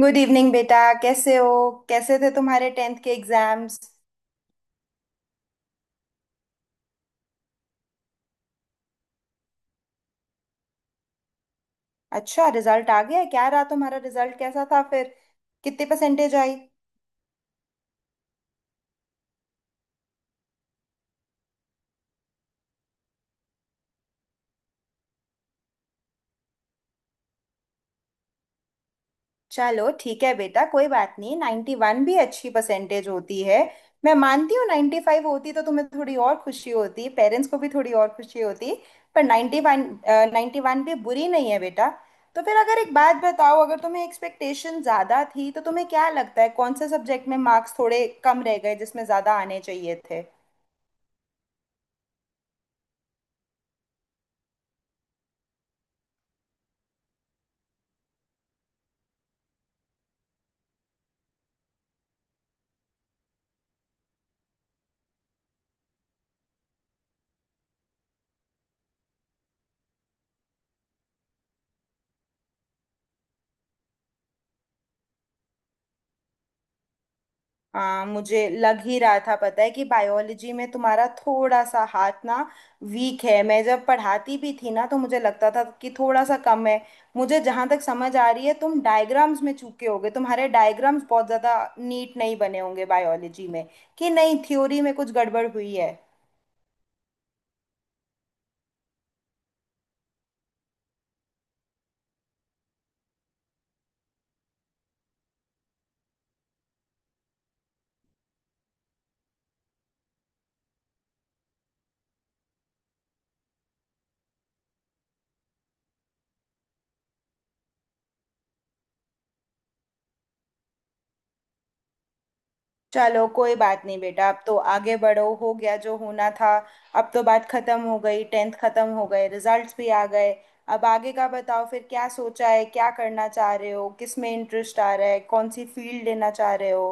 Good evening बेटा, कैसे हो? कैसे थे तुम्हारे टेंथ के एग्जाम्स? अच्छा, रिजल्ट आ गया? क्या रहा तुम्हारा रिजल्ट? कैसा था फिर? कितनी परसेंटेज आई? चलो, ठीक है बेटा, कोई बात नहीं। 91 भी अच्छी परसेंटेज होती है। मैं मानती हूँ 95 होती तो तुम्हें थोड़ी और खुशी होती, पेरेंट्स को भी थोड़ी और खुशी होती। पर 91, 91 भी बुरी नहीं है बेटा। तो फिर अगर एक बात बताओ, अगर तुम्हें एक्सपेक्टेशन ज़्यादा थी तो तुम्हें क्या लगता है कौन से सब्जेक्ट में मार्क्स थोड़े कम रह गए जिसमें ज़्यादा आने चाहिए थे? हाँ, मुझे लग ही रहा था, पता है कि बायोलॉजी में तुम्हारा थोड़ा सा हाथ ना, वीक है। मैं जब पढ़ाती भी थी ना तो मुझे लगता था कि थोड़ा सा कम है। मुझे जहाँ तक समझ आ रही है तुम डायग्राम्स में चूके होगे, तुम्हारे डायग्राम्स बहुत ज़्यादा नीट नहीं बने होंगे बायोलॉजी में। कि नहीं, थ्योरी में कुछ गड़बड़ हुई है? चलो, कोई बात नहीं बेटा, अब तो आगे बढ़ो, हो गया जो होना था। अब तो बात खत्म हो गई, टेंथ खत्म हो गए, रिजल्ट्स भी आ गए। अब आगे का बताओ फिर, क्या सोचा है? क्या करना चाह रहे हो? किस में इंटरेस्ट आ रहा है? कौन सी फील्ड लेना चाह रहे हो?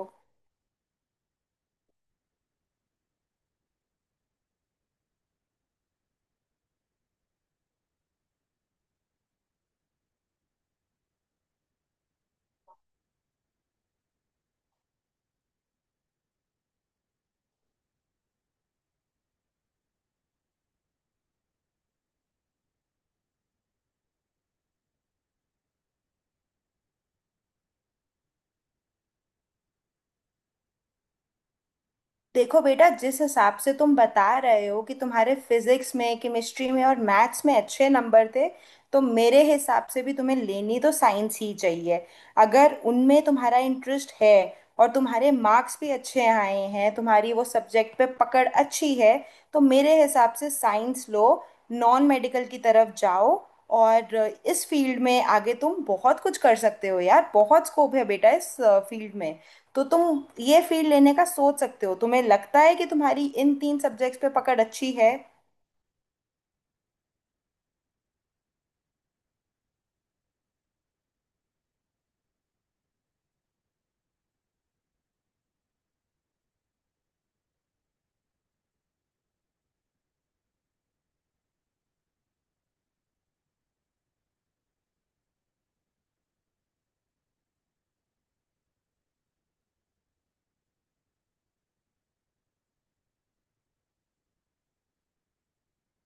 देखो बेटा, जिस हिसाब से तुम बता रहे हो कि तुम्हारे फिजिक्स में, केमिस्ट्री में और मैथ्स में अच्छे नंबर थे, तो मेरे हिसाब से भी तुम्हें लेनी तो साइंस ही चाहिए। अगर उनमें तुम्हारा इंटरेस्ट है और तुम्हारे मार्क्स भी अच्छे आए हैं, तुम्हारी वो सब्जेक्ट पे पकड़ अच्छी है, तो मेरे हिसाब से साइंस लो, नॉन मेडिकल की तरफ जाओ। और इस फील्ड में आगे तुम बहुत कुछ कर सकते हो यार, बहुत स्कोप है बेटा इस फील्ड में। तो तुम ये फील्ड लेने का सोच सकते हो। तुम्हें लगता है कि तुम्हारी इन तीन सब्जेक्ट्स पे पकड़ अच्छी है?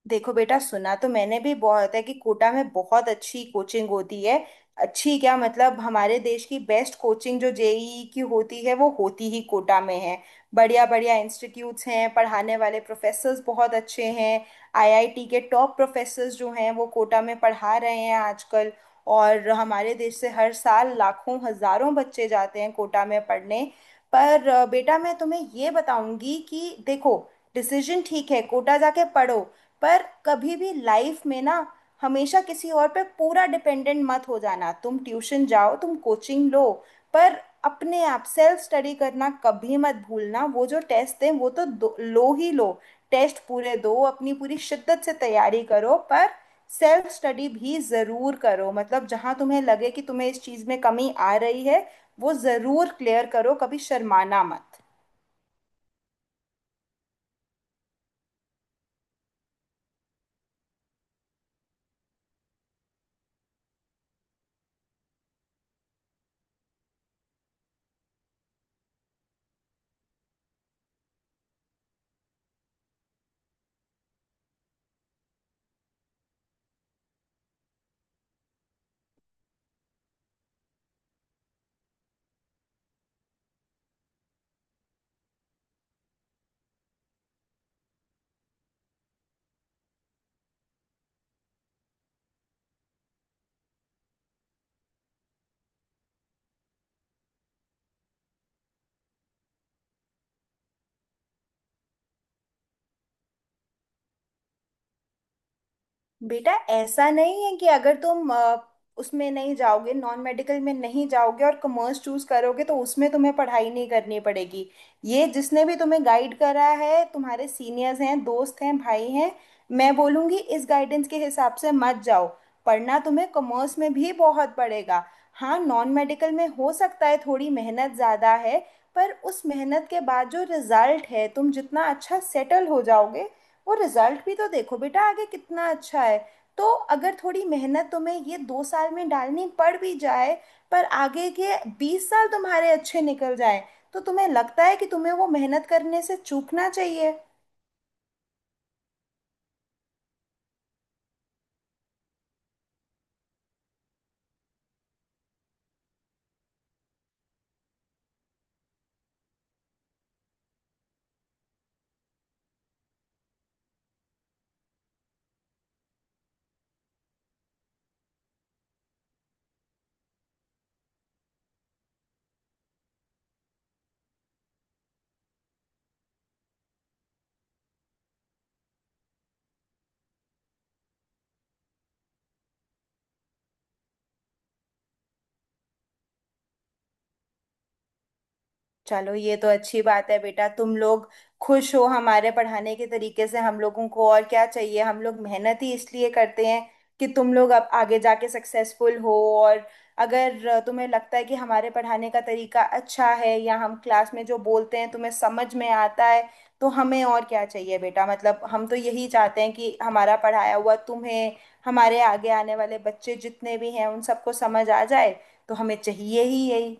देखो बेटा, सुना तो मैंने भी बहुत है कि कोटा में बहुत अच्छी कोचिंग होती है। अच्छी क्या, मतलब हमारे देश की बेस्ट कोचिंग जो जेईई की होती है वो होती ही कोटा में है। बढ़िया बढ़िया इंस्टीट्यूट्स हैं, पढ़ाने वाले प्रोफेसर्स बहुत अच्छे हैं। आईआईटी के टॉप प्रोफेसर्स जो हैं वो कोटा में पढ़ा रहे हैं आजकल। और हमारे देश से हर साल लाखों हजारों बच्चे जाते हैं कोटा में पढ़ने। पर बेटा, मैं तुम्हें ये बताऊंगी कि देखो, डिसीजन ठीक है, कोटा जाके पढ़ो, पर कभी भी लाइफ में ना, हमेशा किसी और पे पूरा डिपेंडेंट मत हो जाना। तुम ट्यूशन जाओ, तुम कोचिंग लो, पर अपने आप सेल्फ स्टडी करना कभी मत भूलना। वो जो टेस्ट दें वो तो दो, लो ही लो, टेस्ट पूरे दो, अपनी पूरी शिद्दत से तैयारी करो, पर सेल्फ स्टडी भी ज़रूर करो। मतलब जहाँ तुम्हें लगे कि तुम्हें इस चीज़ में कमी आ रही है, वो ज़रूर क्लियर करो, कभी शर्माना मत। बेटा, ऐसा नहीं है कि अगर तुम उसमें नहीं जाओगे, नॉन मेडिकल में नहीं जाओगे और कॉमर्स चूज करोगे तो उसमें तुम्हें पढ़ाई नहीं करनी पड़ेगी। ये जिसने भी तुम्हें गाइड करा है, तुम्हारे सीनियर्स हैं, दोस्त हैं, भाई हैं, मैं बोलूँगी इस गाइडेंस के हिसाब से मत जाओ। पढ़ना तुम्हें कॉमर्स में भी बहुत पड़ेगा। हाँ, नॉन मेडिकल में हो सकता है थोड़ी मेहनत ज़्यादा है, पर उस मेहनत के बाद जो रिजल्ट है, तुम जितना अच्छा सेटल हो जाओगे, वो रिजल्ट भी तो देखो बेटा आगे कितना अच्छा है। तो अगर थोड़ी मेहनत तुम्हें ये दो साल में डालनी पड़ भी जाए, पर आगे के बीस साल तुम्हारे अच्छे निकल जाएं, तो तुम्हें लगता है कि तुम्हें वो मेहनत करने से चूकना चाहिए? चलो, ये तो अच्छी बात है बेटा, तुम लोग खुश हो हमारे पढ़ाने के तरीके से। हम लोगों को और क्या चाहिए? हम लोग मेहनत ही इसलिए करते हैं कि तुम लोग अब आगे जाके सक्सेसफुल हो। और अगर तुम्हें लगता है कि हमारे पढ़ाने का तरीका अच्छा है या हम क्लास में जो बोलते हैं तुम्हें समझ में आता है, तो हमें और क्या चाहिए बेटा? मतलब हम तो यही चाहते हैं कि हमारा पढ़ाया हुआ तुम्हें, हमारे आगे आने वाले बच्चे जितने भी हैं उन सबको समझ आ जाए। तो हमें चाहिए ही यही।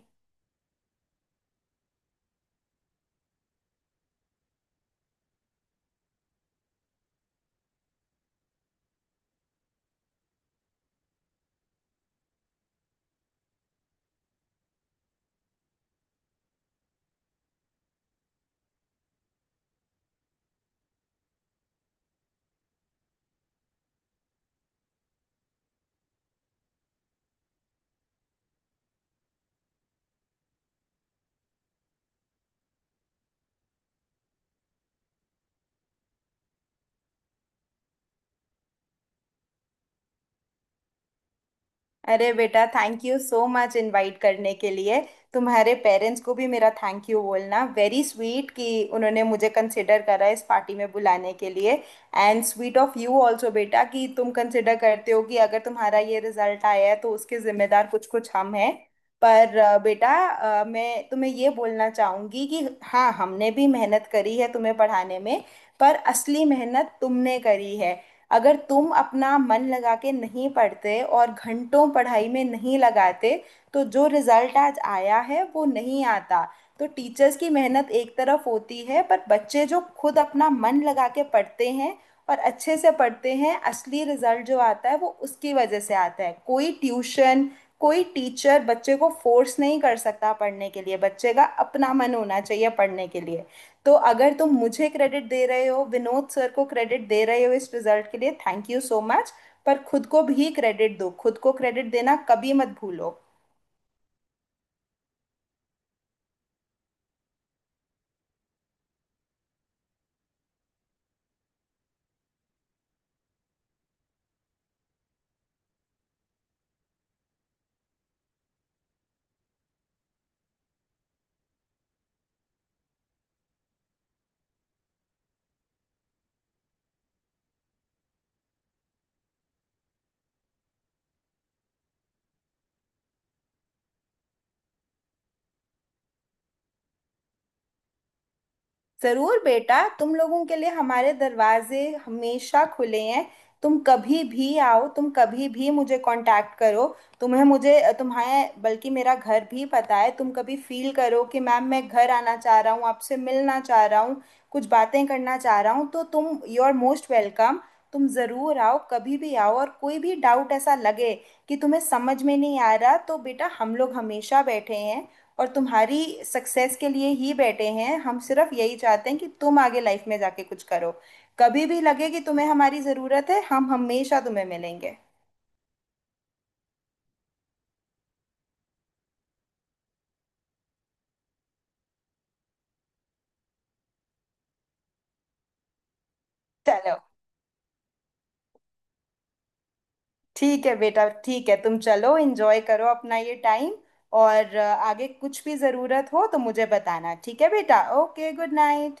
अरे बेटा, thank you so much invite करने के लिए। तुम्हारे पेरेंट्स को भी मेरा थैंक यू बोलना, वेरी स्वीट कि उन्होंने मुझे कंसिडर करा इस पार्टी में बुलाने के लिए। And sweet of you also बेटा कि तुम कंसिडर करते हो कि अगर तुम्हारा ये रिजल्ट आया है तो उसके जिम्मेदार कुछ कुछ हम हैं। पर बेटा, मैं तुम्हें ये बोलना चाहूँगी कि हाँ, हमने भी मेहनत करी है तुम्हें पढ़ाने में, पर असली मेहनत तुमने करी है। अगर तुम अपना मन लगा के नहीं पढ़ते और घंटों पढ़ाई में नहीं लगाते तो जो रिजल्ट आज आया है वो नहीं आता। तो टीचर्स की मेहनत एक तरफ होती है, पर बच्चे जो खुद अपना मन लगा के पढ़ते हैं और अच्छे से पढ़ते हैं, असली रिजल्ट जो आता है वो उसकी वजह से आता है। कोई ट्यूशन, कोई टीचर बच्चे को फोर्स नहीं कर सकता पढ़ने के लिए, बच्चे का अपना मन होना चाहिए पढ़ने के लिए। तो अगर तुम मुझे क्रेडिट दे रहे हो, विनोद सर को क्रेडिट दे रहे हो इस रिजल्ट के लिए, थैंक यू सो मच। पर खुद को भी क्रेडिट दो, खुद को क्रेडिट देना कभी मत भूलो। जरूर बेटा, तुम लोगों के लिए हमारे दरवाजे हमेशा खुले हैं। तुम कभी भी आओ, तुम कभी भी मुझे कांटेक्ट करो। तुम्हें मुझे, तुम्हें बल्कि मेरा घर भी पता है। तुम कभी फील करो कि मैम, मैं घर आना चाह रहा हूँ, आपसे मिलना चाह रहा हूँ, कुछ बातें करना चाह रहा हूँ, तो तुम यू आर मोस्ट वेलकम। तुम ज़रूर आओ, कभी भी आओ, और कोई भी डाउट ऐसा लगे कि तुम्हें समझ में नहीं आ रहा, तो बेटा, हम लोग हमेशा बैठे हैं और तुम्हारी सक्सेस के लिए ही बैठे हैं। हम सिर्फ यही चाहते हैं कि तुम आगे लाइफ में जाके कुछ करो। कभी भी लगे कि तुम्हें हमारी ज़रूरत है, हम हमेशा तुम्हें मिलेंगे। चलो, ठीक है बेटा, ठीक है, तुम चलो, एंजॉय करो अपना ये टाइम। और आगे कुछ भी ज़रूरत हो तो मुझे बताना, ठीक है बेटा? Okay, good night.